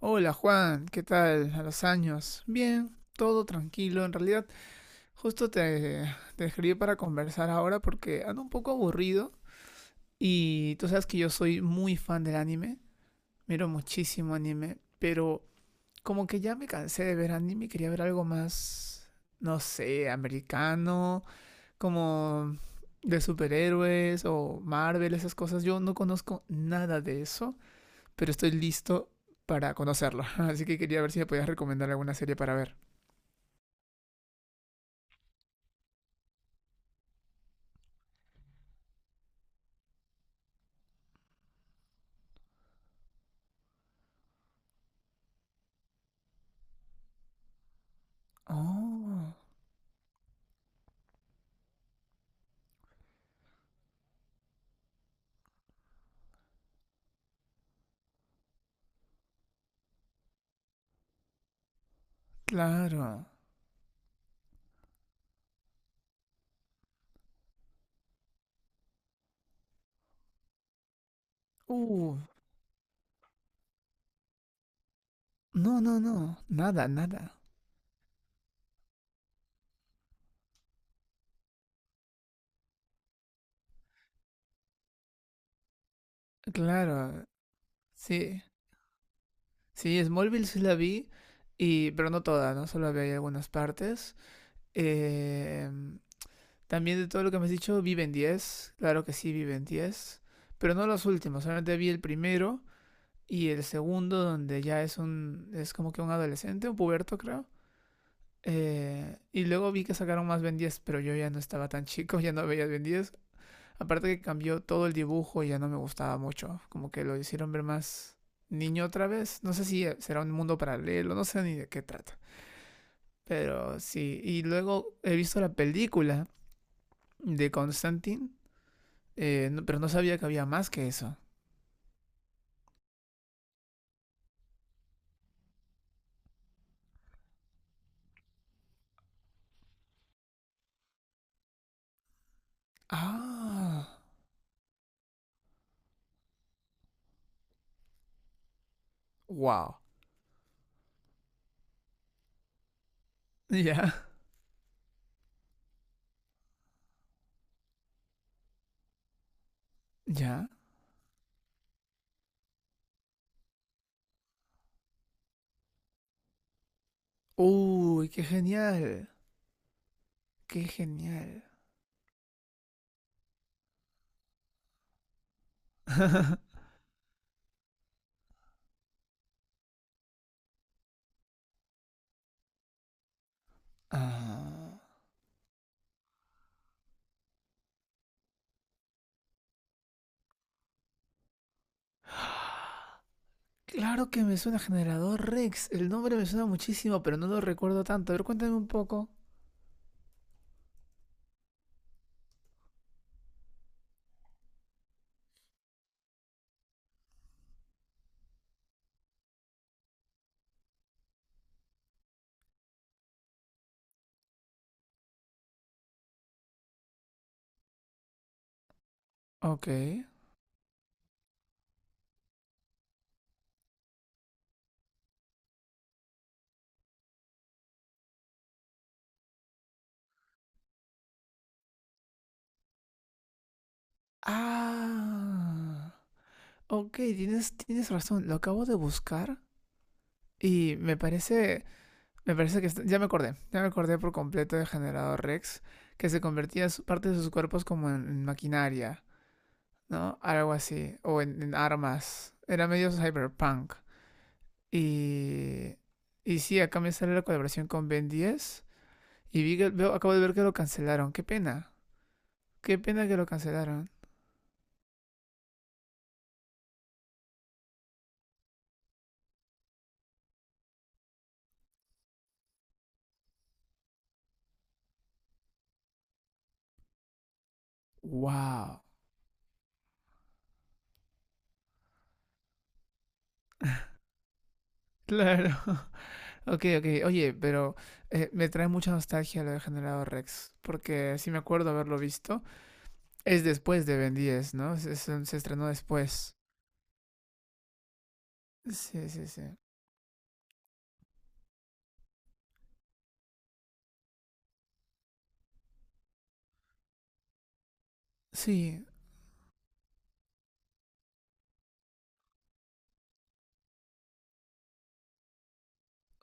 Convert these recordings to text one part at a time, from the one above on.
Hola Juan, ¿qué tal? A los años. Bien, todo tranquilo. En realidad, justo te, te escribí para conversar ahora porque ando un poco aburrido y tú sabes que yo soy muy fan del anime, miro muchísimo anime, pero como que ya me cansé de ver anime, quería ver algo más, no sé, americano, como de superhéroes o Marvel, esas cosas. Yo no conozco nada de eso pero estoy listo para conocerlo. Así que quería ver si me podías recomendar alguna serie para ver. Oh, claro. Uh, no, no, no. Nada, nada. Claro, sí. Sí, Smallville sí la vi, y, pero no toda, ¿no? Solo vi algunas partes. Eh, También de todo lo que me has dicho, Viven 10, claro que sí, Viven 10, pero no los últimos, solamente vi el primero y el segundo, donde ya es un. Es como que un adolescente, un puberto, creo. Y luego vi que sacaron más Ben 10, pero yo ya no estaba tan chico, ya no veía Ben 10. Aparte que cambió todo el dibujo y ya no me gustaba mucho. Como que lo hicieron ver más niño otra vez. No sé si será un mundo paralelo, no sé ni de qué trata. Pero sí, y luego he visto la película de Constantine, pero no sabía que había más que eso. Ah, wow. Ya, ya. Uy, qué genial. Qué genial. Ah. Claro que me suena Generador Rex. El nombre me suena muchísimo, pero no lo recuerdo tanto. A ver, cuéntame un poco. Ok. Ah. Ok, tienes razón. Lo acabo de buscar y me parece. Me parece que ya me acordé. Ya me acordé por completo de Generador Rex, que se convertía parte de sus cuerpos como en maquinaria, ¿no? Algo así. O en armas. Era medio cyberpunk. Y. Y sí, acá me sale la colaboración con Ben 10. Y vi que, veo, acabo de ver que lo cancelaron. Qué pena. Qué pena que lo cancelaron. Wow. Claro. Ok, ok. Oye, pero me trae mucha nostalgia lo de Generador Rex. Porque sí me acuerdo haberlo visto. Es después de Ben 10, ¿no? Se estrenó después. Sí, sí, sí. Sí,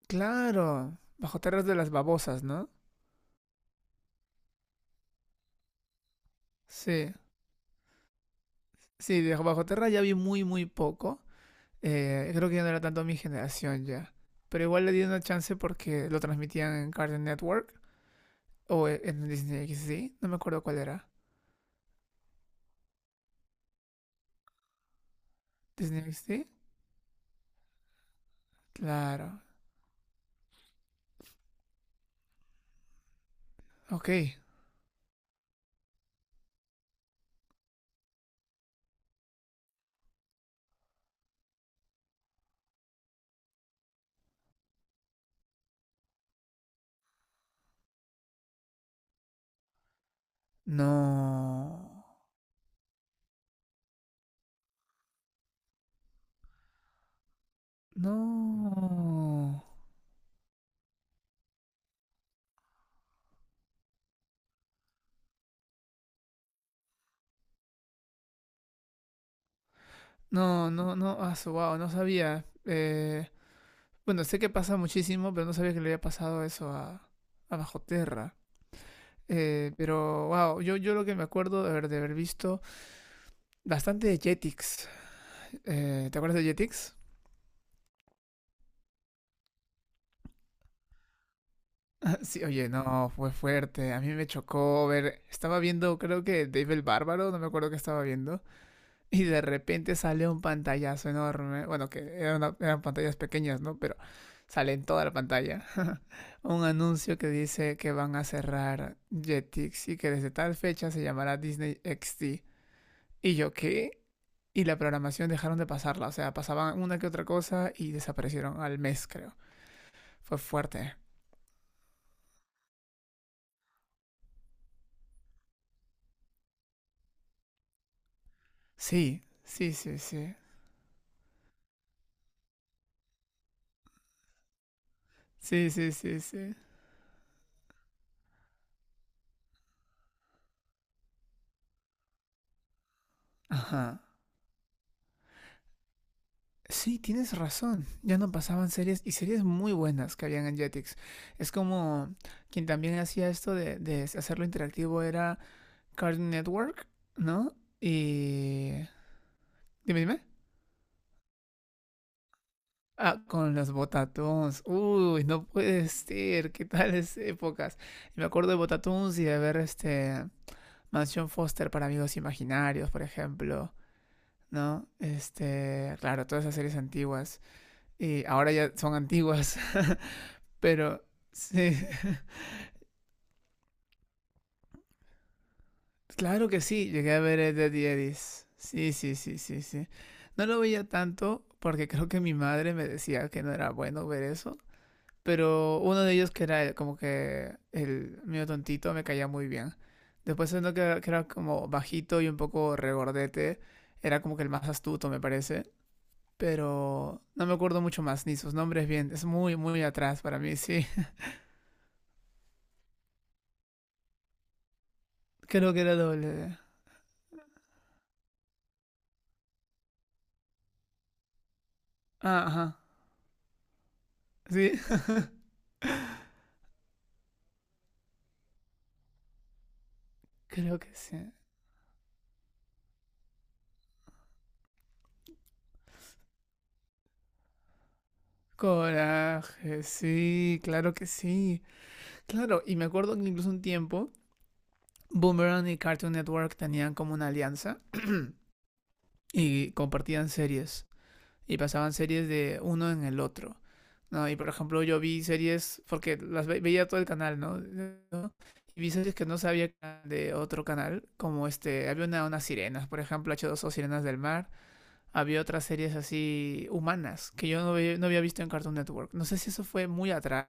claro. Bajo Tierras de las Babosas, ¿no? Sí. Sí, de Bajo Tierra ya vi muy, muy poco. Creo que ya no era tanto mi generación ya. Pero igual le di una chance porque lo transmitían en Cartoon Network o en Disney XD. No me acuerdo cuál era. ¿Disney XD? Claro. Ok. No. No. No, no, no. Ah, wow, no sabía. Bueno, sé que pasa muchísimo, pero no sabía que le había pasado eso a Bajo Tierra. Pero, wow, yo lo que me acuerdo de haber visto bastante de Jetix. ¿Te acuerdas de Jetix? Sí, oye, no, fue fuerte. A mí me chocó ver. Estaba viendo, creo que Dave el Bárbaro, no me acuerdo qué estaba viendo. Y de repente sale un pantallazo enorme. Bueno, que eran pantallas pequeñas, ¿no? Pero sale en toda la pantalla. Un anuncio que dice que van a cerrar Jetix y que desde tal fecha se llamará Disney XD. ¿Y yo qué? Y la programación dejaron de pasarla. O sea, pasaban una que otra cosa y desaparecieron al mes, creo. Fue fuerte. Sí, sí, sí, sí. Sí, sí, sí, sí. Ajá. Sí, tienes razón. Ya no pasaban series y series muy buenas que habían en Jetix. Es como quien también hacía esto de hacerlo interactivo era Cartoon Network, ¿no? Y... Dime, dime. Ah, con los Botatons. Uy, no puede ser. ¿Qué tales épocas? Y me acuerdo de Botatons y de ver este... Mansión Foster para amigos imaginarios, por ejemplo, ¿no? Este, claro, todas esas series antiguas. Y ahora ya son antiguas. Pero sí, claro que sí, llegué a ver Ed, Ed y Eddy's. Sí, sí, sí, sí, sí. No lo veía tanto porque creo que mi madre me decía que no era bueno ver eso. Pero uno de ellos que era como que el mío tontito me caía muy bien. Después uno que era como bajito y un poco regordete. Era como que el más astuto, me parece. Pero no me acuerdo mucho más ni sus nombres bien. Es muy, muy atrás para mí, sí. Creo que era doble. Ah, ajá. Sí, creo que sí. Coraje, sí, claro que sí. Claro, y me acuerdo que incluso un tiempo Boomerang y Cartoon Network tenían como una alianza y compartían series y pasaban series de uno en el otro. ¿No? Y por ejemplo, yo vi series, porque las veía todo el canal, ¿no? ¿No? Y vi series que no sabía que eran de otro canal, como este, había unas sirenas, por ejemplo, h dos o Sirenas del Mar, había otras series así humanas que yo no, no había visto en Cartoon Network. No sé si eso fue muy atrás.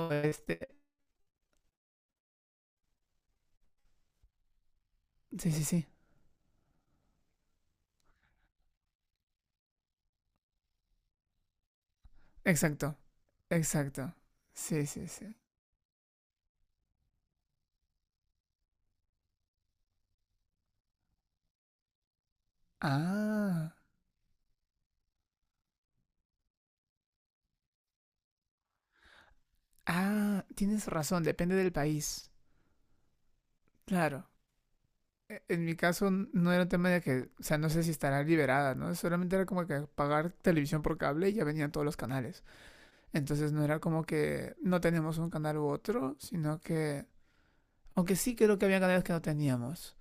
Este... Sí, sí, sí. Exacto. Exacto. Sí, sí, sí. Ah. Ah, tienes razón, depende del país. Claro. En mi caso no era un tema de que, o sea, no sé si estará liberada, ¿no? Solamente era como que pagar televisión por cable y ya venían todos los canales. Entonces no era como que no teníamos un canal u otro, sino que... Aunque sí creo que había canales que no teníamos.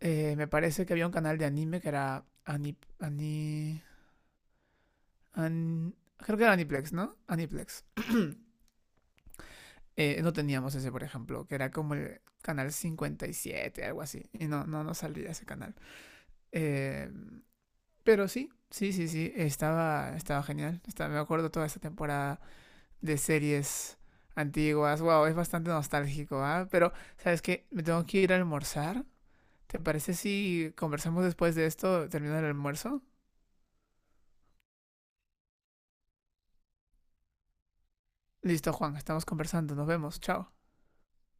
Me parece que había un canal de anime que era creo que era Aniplex, ¿no? Aniplex. No teníamos ese, por ejemplo, que era como el canal 57, algo así. Y no, no, no salía ese canal. Eh, pero sí, sí, sí, sí, estaba, estaba genial. Me acuerdo toda esta temporada de series antiguas. Wow, es bastante nostálgico, ¿ah? ¿Eh? Pero, ¿sabes qué? Me tengo que ir a almorzar. ¿Te parece si conversamos después de esto, terminando el almuerzo? Listo, Juan, estamos conversando. Nos vemos. Chao.